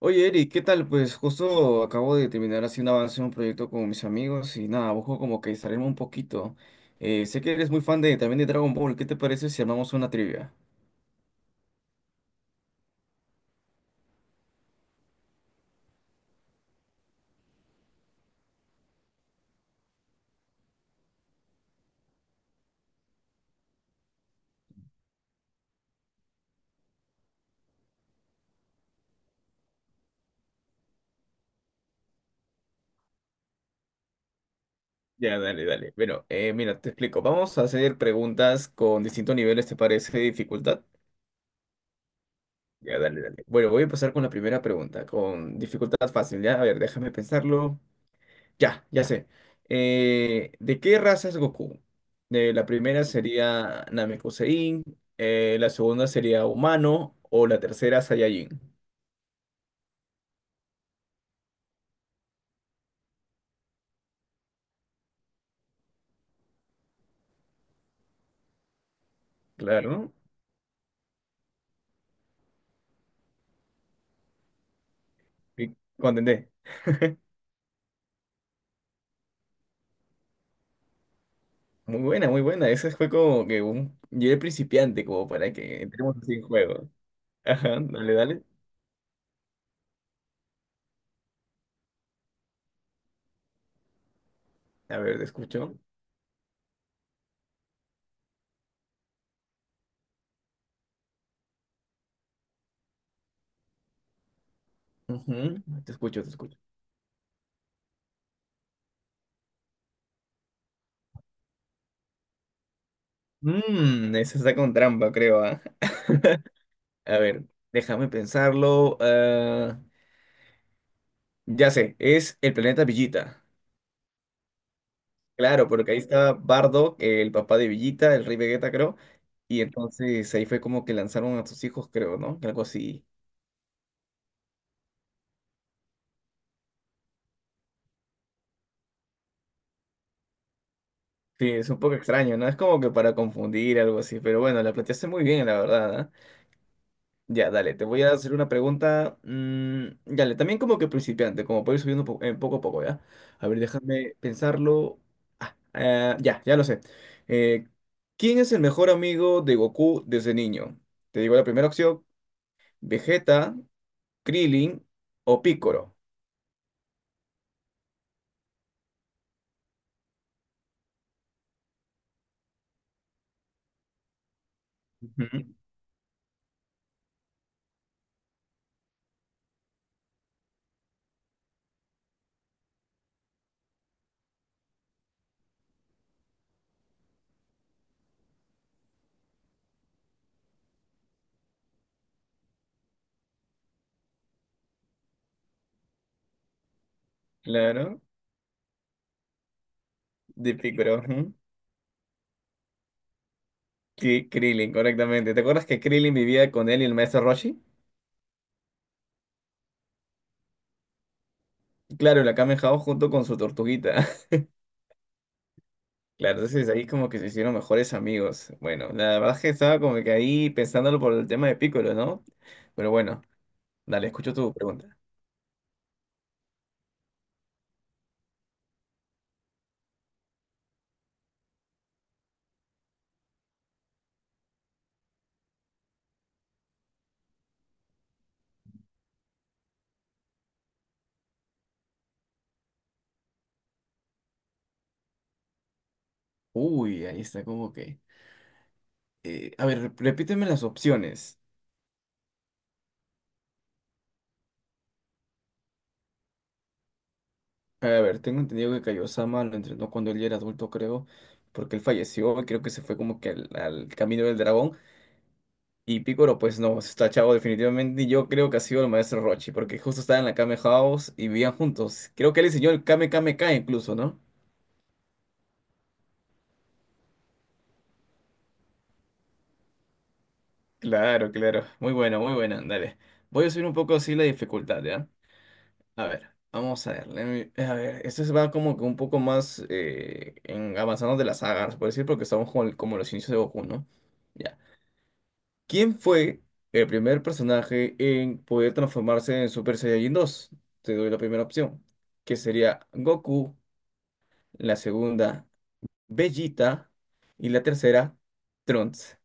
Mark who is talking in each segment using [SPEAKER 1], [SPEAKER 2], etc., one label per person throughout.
[SPEAKER 1] Oye, Eric, ¿qué tal? Pues justo acabo de terminar haciendo avance en un proyecto con mis amigos y nada, busco como que distraerme un poquito. Sé que eres muy fan de también de Dragon Ball. ¿Qué te parece si armamos una trivia? Ya, dale, dale. Bueno, mira, te explico. Vamos a hacer preguntas con distintos niveles, ¿te parece de dificultad? Ya, dale, dale. Bueno, voy a empezar con la primera pregunta, con dificultad fácil, ¿ya? A ver, déjame pensarlo. Ya sé. ¿De qué raza es Goku? De la primera sería Namekusein, la segunda sería humano o la tercera Saiyajin. Claro, ¿no? Y Contendé. Muy buena, muy buena. Ese fue como que un... Yo era principiante, como para que entremos así en juego. Ajá, dale, dale. A ver, te escucho. Ujú, te escucho, te escucho. Mmm, esa está con trampa, creo, ¿ah? A ver, déjame pensarlo. Ya sé, es el planeta Villita. Claro, porque ahí estaba Bardock, el papá de Villita, el rey Vegeta, creo. Y entonces ahí fue como que lanzaron a sus hijos, creo, ¿no? Algo así. Sí, es un poco extraño, ¿no? Es como que para confundir, algo así. Pero bueno, la planteaste muy bien, la verdad, ¿ah? Ya, dale, te voy a hacer una pregunta. Dale, también como que principiante, como para ir subiendo poco a poco, ¿ya? A ver, déjame pensarlo. Ya lo sé. Eh, ¿Quién es el mejor amigo de Goku desde niño? Te digo la primera opción, Vegeta. Krillin o Pícoro. Ujú. Claro, de Pícoro. Ujú. Krillin, correctamente. ¿Te acuerdas que Krillin vivía con él y el maestro Roshi? Claro, y la Kamen Hao junto con su tortuguita. Claro, entonces ahí como que se hicieron mejores amigos. Bueno, la verdad es que estaba como que ahí pensándolo por el tema de Piccolo, ¿no? Pero bueno, dale, escucho tu pregunta. Uy, ahí está como que... a ver, repíteme las opciones. A ver, tengo entendido que Kaiosama lo entrenó cuando él ya era adulto, creo, porque él falleció, creo que se fue como que al camino del dragón. Y Picoro, pues no, está chavo definitivamente. Y yo creo que ha sido el maestro Rochi, porque justo estaba en la Kame House y vivían juntos. Creo que él enseñó el Kame Kame K incluso, ¿no? Claro, claro. Muy buena, muy buena. Dale. Voy a subir un poco así la dificultad, ¿ya? A ver, vamos a ver. A ver, esto se va como que un poco más en avanzando de las sagas, por decir, porque estamos con, como en los inicios de Goku, ¿no? Ya. ¿Quién fue el primer personaje en poder transformarse en Super Saiyajin 2? Te doy la primera opción, que sería Goku, la segunda, Vegeta y la tercera, Trunks.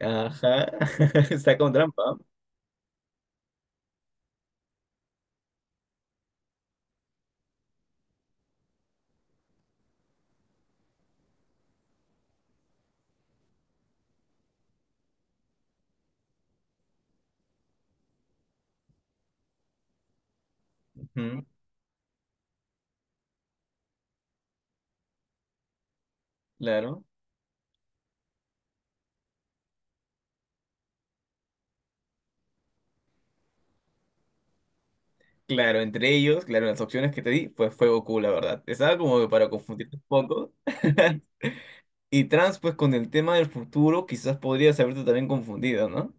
[SPEAKER 1] Ajá, está con trampa. Ujú, claro, claro, entre ellos, claro, las opciones que te di, pues fue Goku, la verdad. Estaba como que para confundirte un poco. Y Trunks, pues con el tema del futuro, quizás podrías haberte también confundido, ¿no?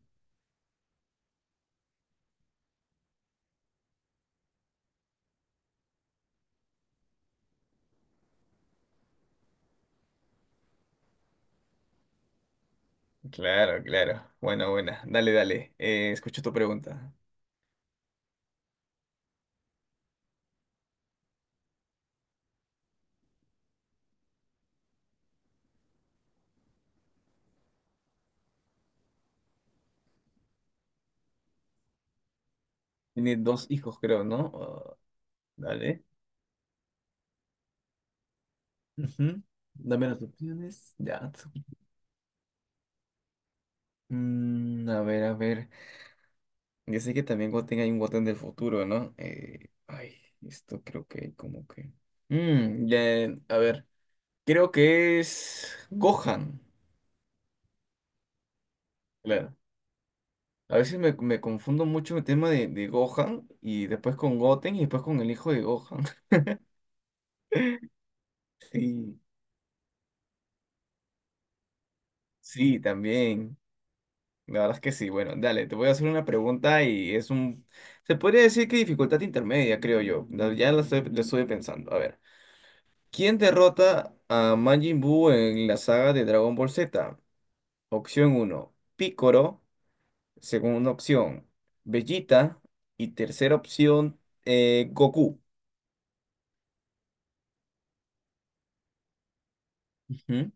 [SPEAKER 1] Claro, claro. Bueno, buena. Dale, dale. Escucho tu pregunta. Tiene dos hijos, creo, ¿no? Ah, dale. Ujú. Dame las opciones. Ya. Mm, a ver, a ver. Yo sé que también Goten hay un Goten del futuro, ¿no? Esto creo que como que... Mm, ya, a ver. Creo que es Gohan. Claro. A veces me confundo mucho el tema de Gohan y después con Goten y después con el hijo de Gohan. Sí, sí, también. La verdad es que sí. Bueno, dale, te voy a hacer una pregunta y es un... Se podría decir que dificultad intermedia, creo yo. Ya la estoy, la estuve pensando. A ver. ¿Quién derrota a Majin Buu en la saga de Dragon Ball Z? Opción uno Piccolo. Segunda opción, Vegeta. Y tercera opción, Goku. Ujú.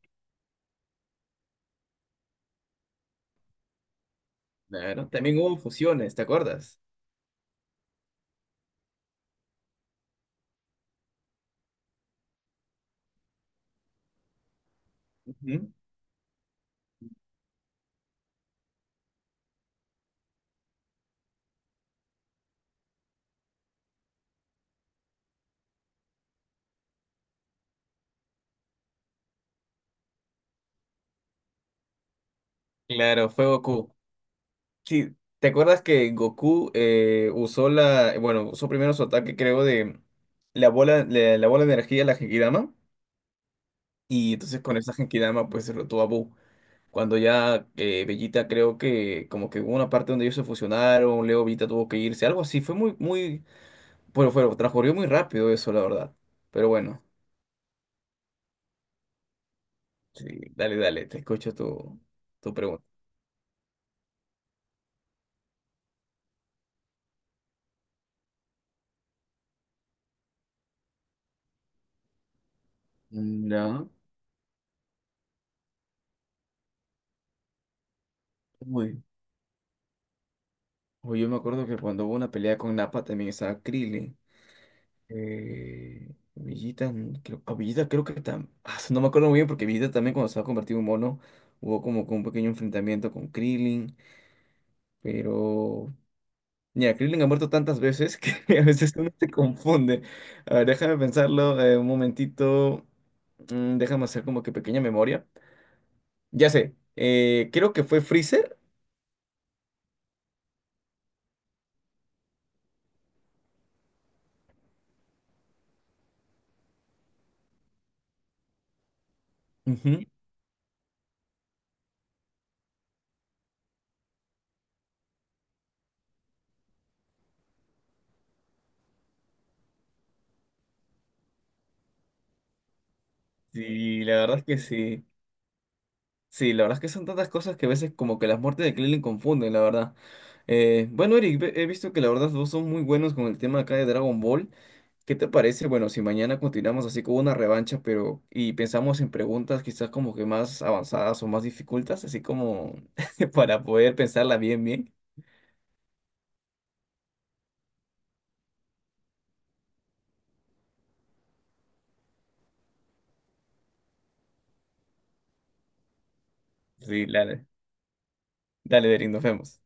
[SPEAKER 1] Claro, también hubo fusiones, ¿te acuerdas? Ujú. Claro, fue Goku. Sí, ¿te acuerdas que Goku usó la, bueno, usó primero su ataque, creo, de la bola, la bola de energía, la Genkidama, y entonces con esa Genkidama pues derrotó a Buu. Cuando ya Vegeta creo que como que hubo una parte donde ellos se fusionaron, Leo Vegeta tuvo que irse, algo así, fue bueno, fue, transcurrió muy rápido eso, la verdad. Pero bueno, sí, dale, dale, te escucho tu pregunta. No. Uy, oye, yo me acuerdo que cuando hubo una pelea con Nappa también estaba Krillin. Eh, Villita, creo, a Villita creo que no me acuerdo muy bien porque Villita también cuando se ha convertido en mono hubo como que un pequeño enfrentamiento con Krillin, pero mira, Krillin ha muerto tantas veces que a veces uno se confunde. A ver, déjame pensarlo un momentito, déjame hacer como que pequeña memoria. Ya sé, creo que fue Freezer. Ujú. Sí, la verdad es que sí. Sí, la verdad es que son tantas cosas que a veces como que las muertes de Krillin confunden, la verdad. Bueno, Eric, he visto que la verdad vos son muy buenos con el tema acá de Dragon Ball. ¿Qué te parece? Bueno, si mañana continuamos así con una revancha, pero y pensamos en preguntas quizás como que más avanzadas o más dificultas, así como para poder pensarla bien. Sí, dale, dale, Eric, nos vemos.